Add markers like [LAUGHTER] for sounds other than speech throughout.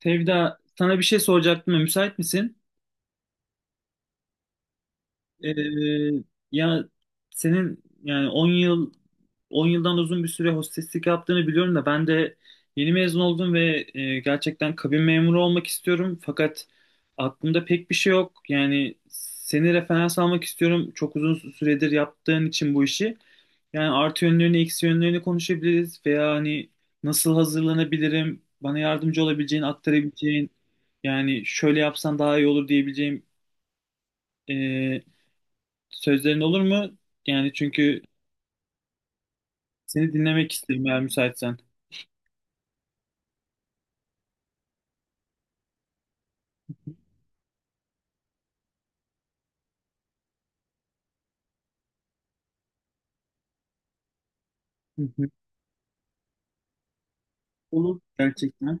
Tevda sana bir şey soracaktım. Müsait misin? Ee, ya senin yani 10 yıldan uzun bir süre hosteslik yaptığını biliyorum da ben de yeni mezun oldum ve gerçekten kabin memuru olmak istiyorum, fakat aklımda pek bir şey yok. Yani seni referans almak istiyorum, çok uzun süredir yaptığın için bu işi. Yani artı yönlerini, eksi yönlerini konuşabiliriz, veya hani nasıl hazırlanabilirim, bana yardımcı olabileceğin, aktarabileceğin, yani şöyle yapsan daha iyi olur diyebileceğim e, Sözlerin olur mu? Yani çünkü seni dinlemek isterim eğer müsaitsen. Hı hı. Olur gerçekten.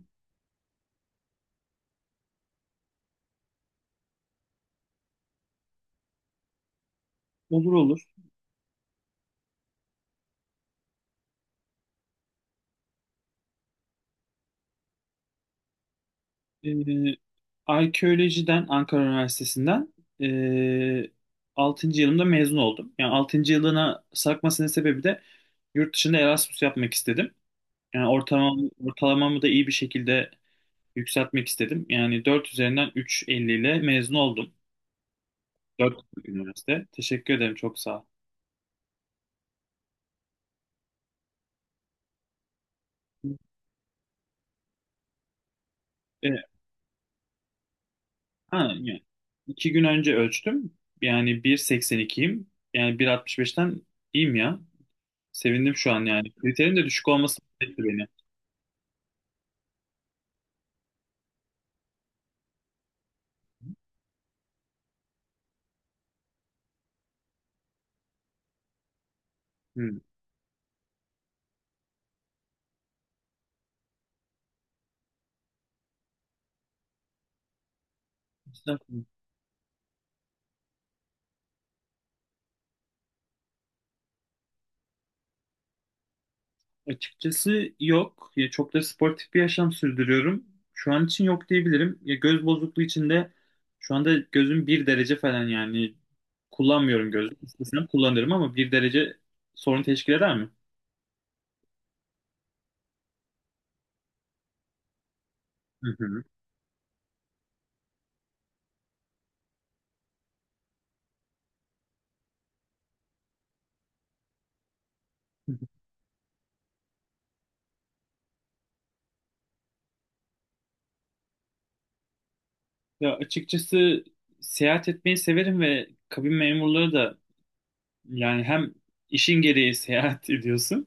Olur olur. Ee, arkeolojiden Ankara Üniversitesi'nden ee, 6. yılımda mezun oldum. Yani altıncı yılına sarkmasının sebebi de yurt dışında Erasmus yapmak istedim. Yani ortalamamı da iyi bir şekilde yükseltmek istedim. Yani 4 üzerinden üç virgül elli ile mezun oldum. 4 üniversite. Teşekkür ederim, çok sağ ol. Ha, yani iki gün önce ölçtüm. Yani 1.82'yim. Yani 1.65'ten iyiyim ya. Sevindim şu an yani. Kriterin de düşük olması mutlu etti beni. Hmm. Estağfurullah. Açıkçası yok. Ya çok da sportif bir yaşam sürdürüyorum. Şu an için yok diyebilirim. Ya göz bozukluğu için de şu anda gözüm bir derece falan, yani kullanmıyorum gözü. İstesem kullanırım, ama bir derece sorun teşkil eder mi? Hı hı. Ya açıkçası seyahat etmeyi severim, ve kabin memurları da, yani hem işin gereği [LAUGHS] seyahat ediyorsun,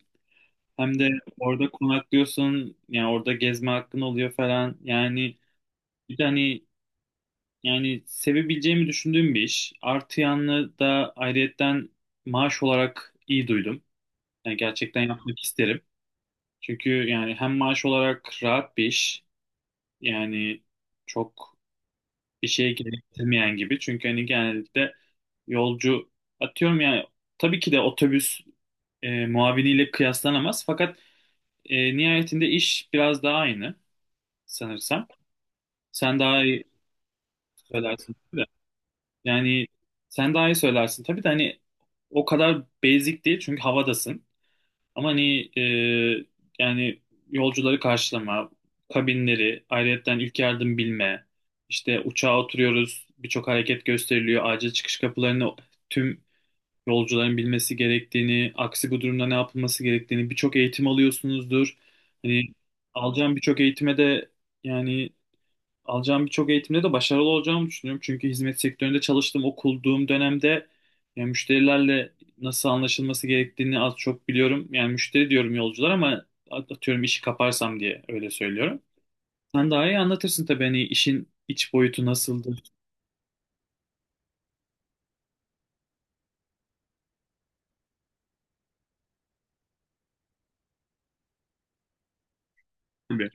hem de orada konaklıyorsun, yani orada gezme hakkın oluyor falan, yani bir de hani, yani sevebileceğimi düşündüğüm bir iş, artı yanlı da ayrıyetten maaş olarak iyi duydum, yani gerçekten yapmak isterim, çünkü yani hem maaş olarak rahat bir iş, yani çok bir şeye gerektirmeyen gibi, çünkü hani genellikle yolcu, atıyorum yani, tabii ki de otobüs muaviniyle kıyaslanamaz, fakat nihayetinde iş biraz daha aynı sanırsam. Sen daha iyi söylersin tabii de. Yani sen daha iyi söylersin tabii de, hani o kadar basic değil çünkü havadasın. Ama hani yani yolcuları karşılama, kabinleri, ayrıyetten ilk yardım bilme, işte uçağa oturuyoruz, birçok hareket gösteriliyor, acil çıkış kapılarını tüm yolcuların bilmesi gerektiğini, aksi bu durumda ne yapılması gerektiğini, birçok eğitim alıyorsunuzdur. Hani alacağım birçok eğitime de, yani alacağım birçok eğitimde de başarılı olacağımı düşünüyorum. Çünkü hizmet sektöründe çalıştığım, okulduğum dönemde yani müşterilerle nasıl anlaşılması gerektiğini az çok biliyorum. Yani müşteri diyorum yolcular, ama atıyorum işi kaparsam diye öyle söylüyorum. Sen daha iyi anlatırsın tabii, hani işin iç boyutu nasıldır. Tabii.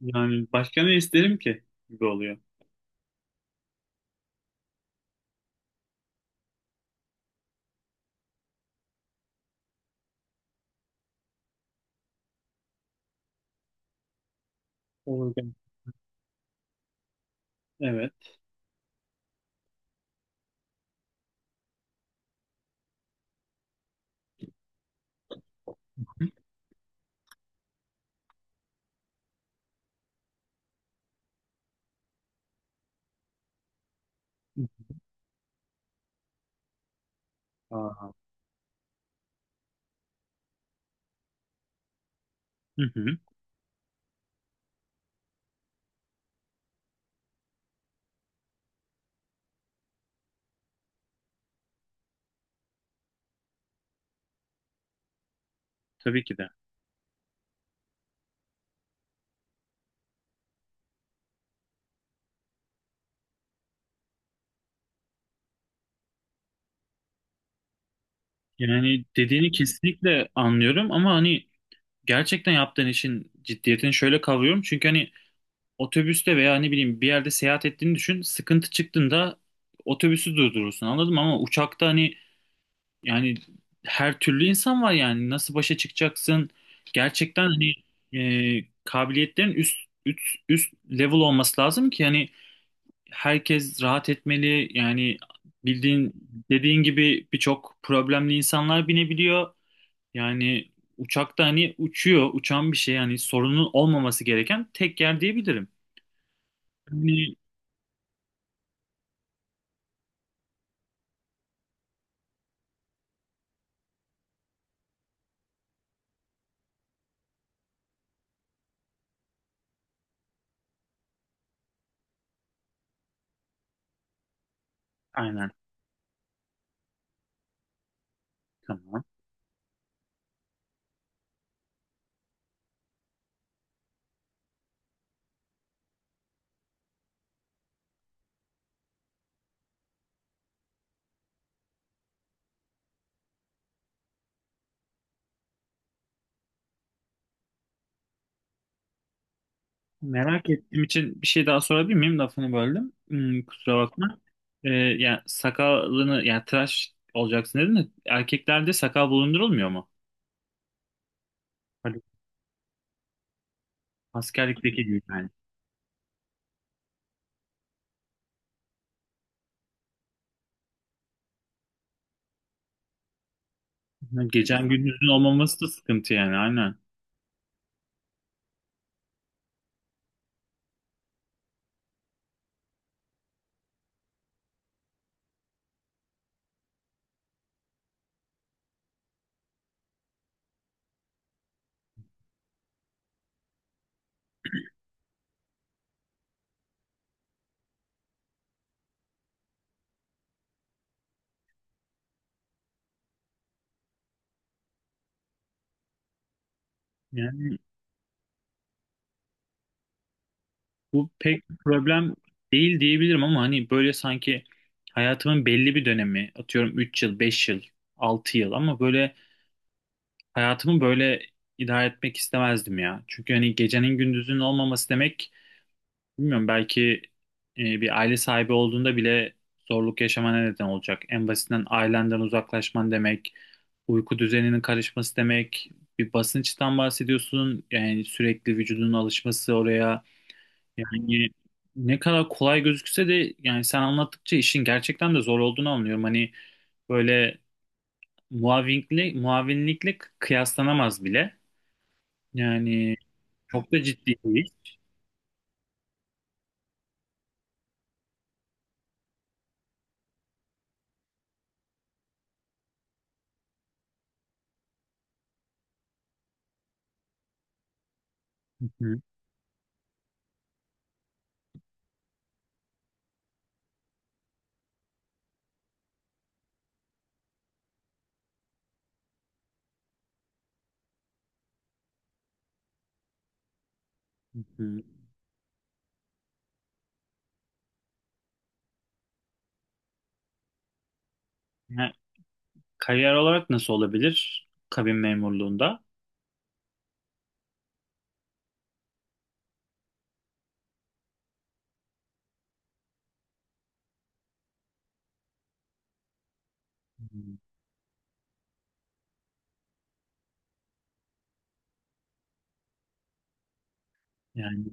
Yani başka ne isterim ki gibi oluyor. Olur. Evet. Aa. Hı hı, tabii ki de. Yani dediğini kesinlikle anlıyorum, ama hani gerçekten yaptığın işin ciddiyetini şöyle kavruyorum. Çünkü hani otobüste veya ne bileyim bir yerde seyahat ettiğini düşün. Sıkıntı çıktığında otobüsü durdurursun, anladın mı? Ama uçakta hani, yani her türlü insan var yani. Nasıl başa çıkacaksın? Gerçekten hani kabiliyetlerin üst, üst level olması lazım ki hani herkes rahat etmeli. Yani bildiğin, dediğin gibi birçok problemli insanlar binebiliyor. Yani uçakta hani uçuyor, uçan bir şey, yani sorunun olmaması gereken tek yer diyebilirim. Yani aynen, tamam. Merak ettiğim için bir şey daha sorabilir miyim? Lafını böldüm. Hmm, kusura bakma. Yani sakalını, yani tıraş olacaksın dedin de erkeklerde sakal bulundurulmuyor mu? Hadi, askerlikteki gibi yani. Gecen gündüzün olmaması da sıkıntı, yani aynen. Bu pek bir problem değil diyebilirim, ama hani böyle sanki hayatımın belli bir dönemi, atıyorum 3 yıl, 5 yıl, 6 yıl, ama böyle hayatımı böyle idare etmek istemezdim ya. Çünkü hani gecenin gündüzün olmaması demek, bilmiyorum belki bir aile sahibi olduğunda bile zorluk yaşamana neden olacak. En basitinden ailenden uzaklaşman demek, uyku düzeninin karışması demek, bir basınçtan bahsediyorsun. Yani sürekli vücudunun alışması oraya, yani ne kadar kolay gözükse de, yani sen anlattıkça işin gerçekten de zor olduğunu anlıyorum. Hani böyle muavinlikle kıyaslanamaz bile. Yani çok da ciddi değil. Hı hı, hı hı. Yani kariyer olarak nasıl olabilir kabin memurluğunda? Hı. Yani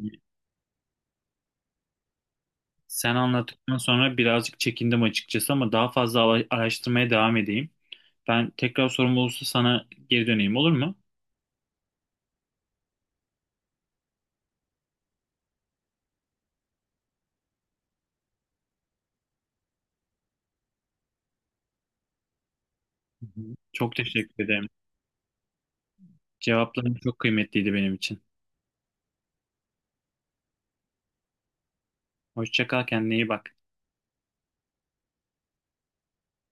sen anlattıktan sonra birazcık çekindim açıkçası, ama daha fazla araştırmaya devam edeyim. Ben tekrar sorum olursa sana geri döneyim, olur mu? Hı hı. Çok teşekkür ederim. Cevapların çok kıymetliydi benim için. Hoşça kal, kendine iyi bak.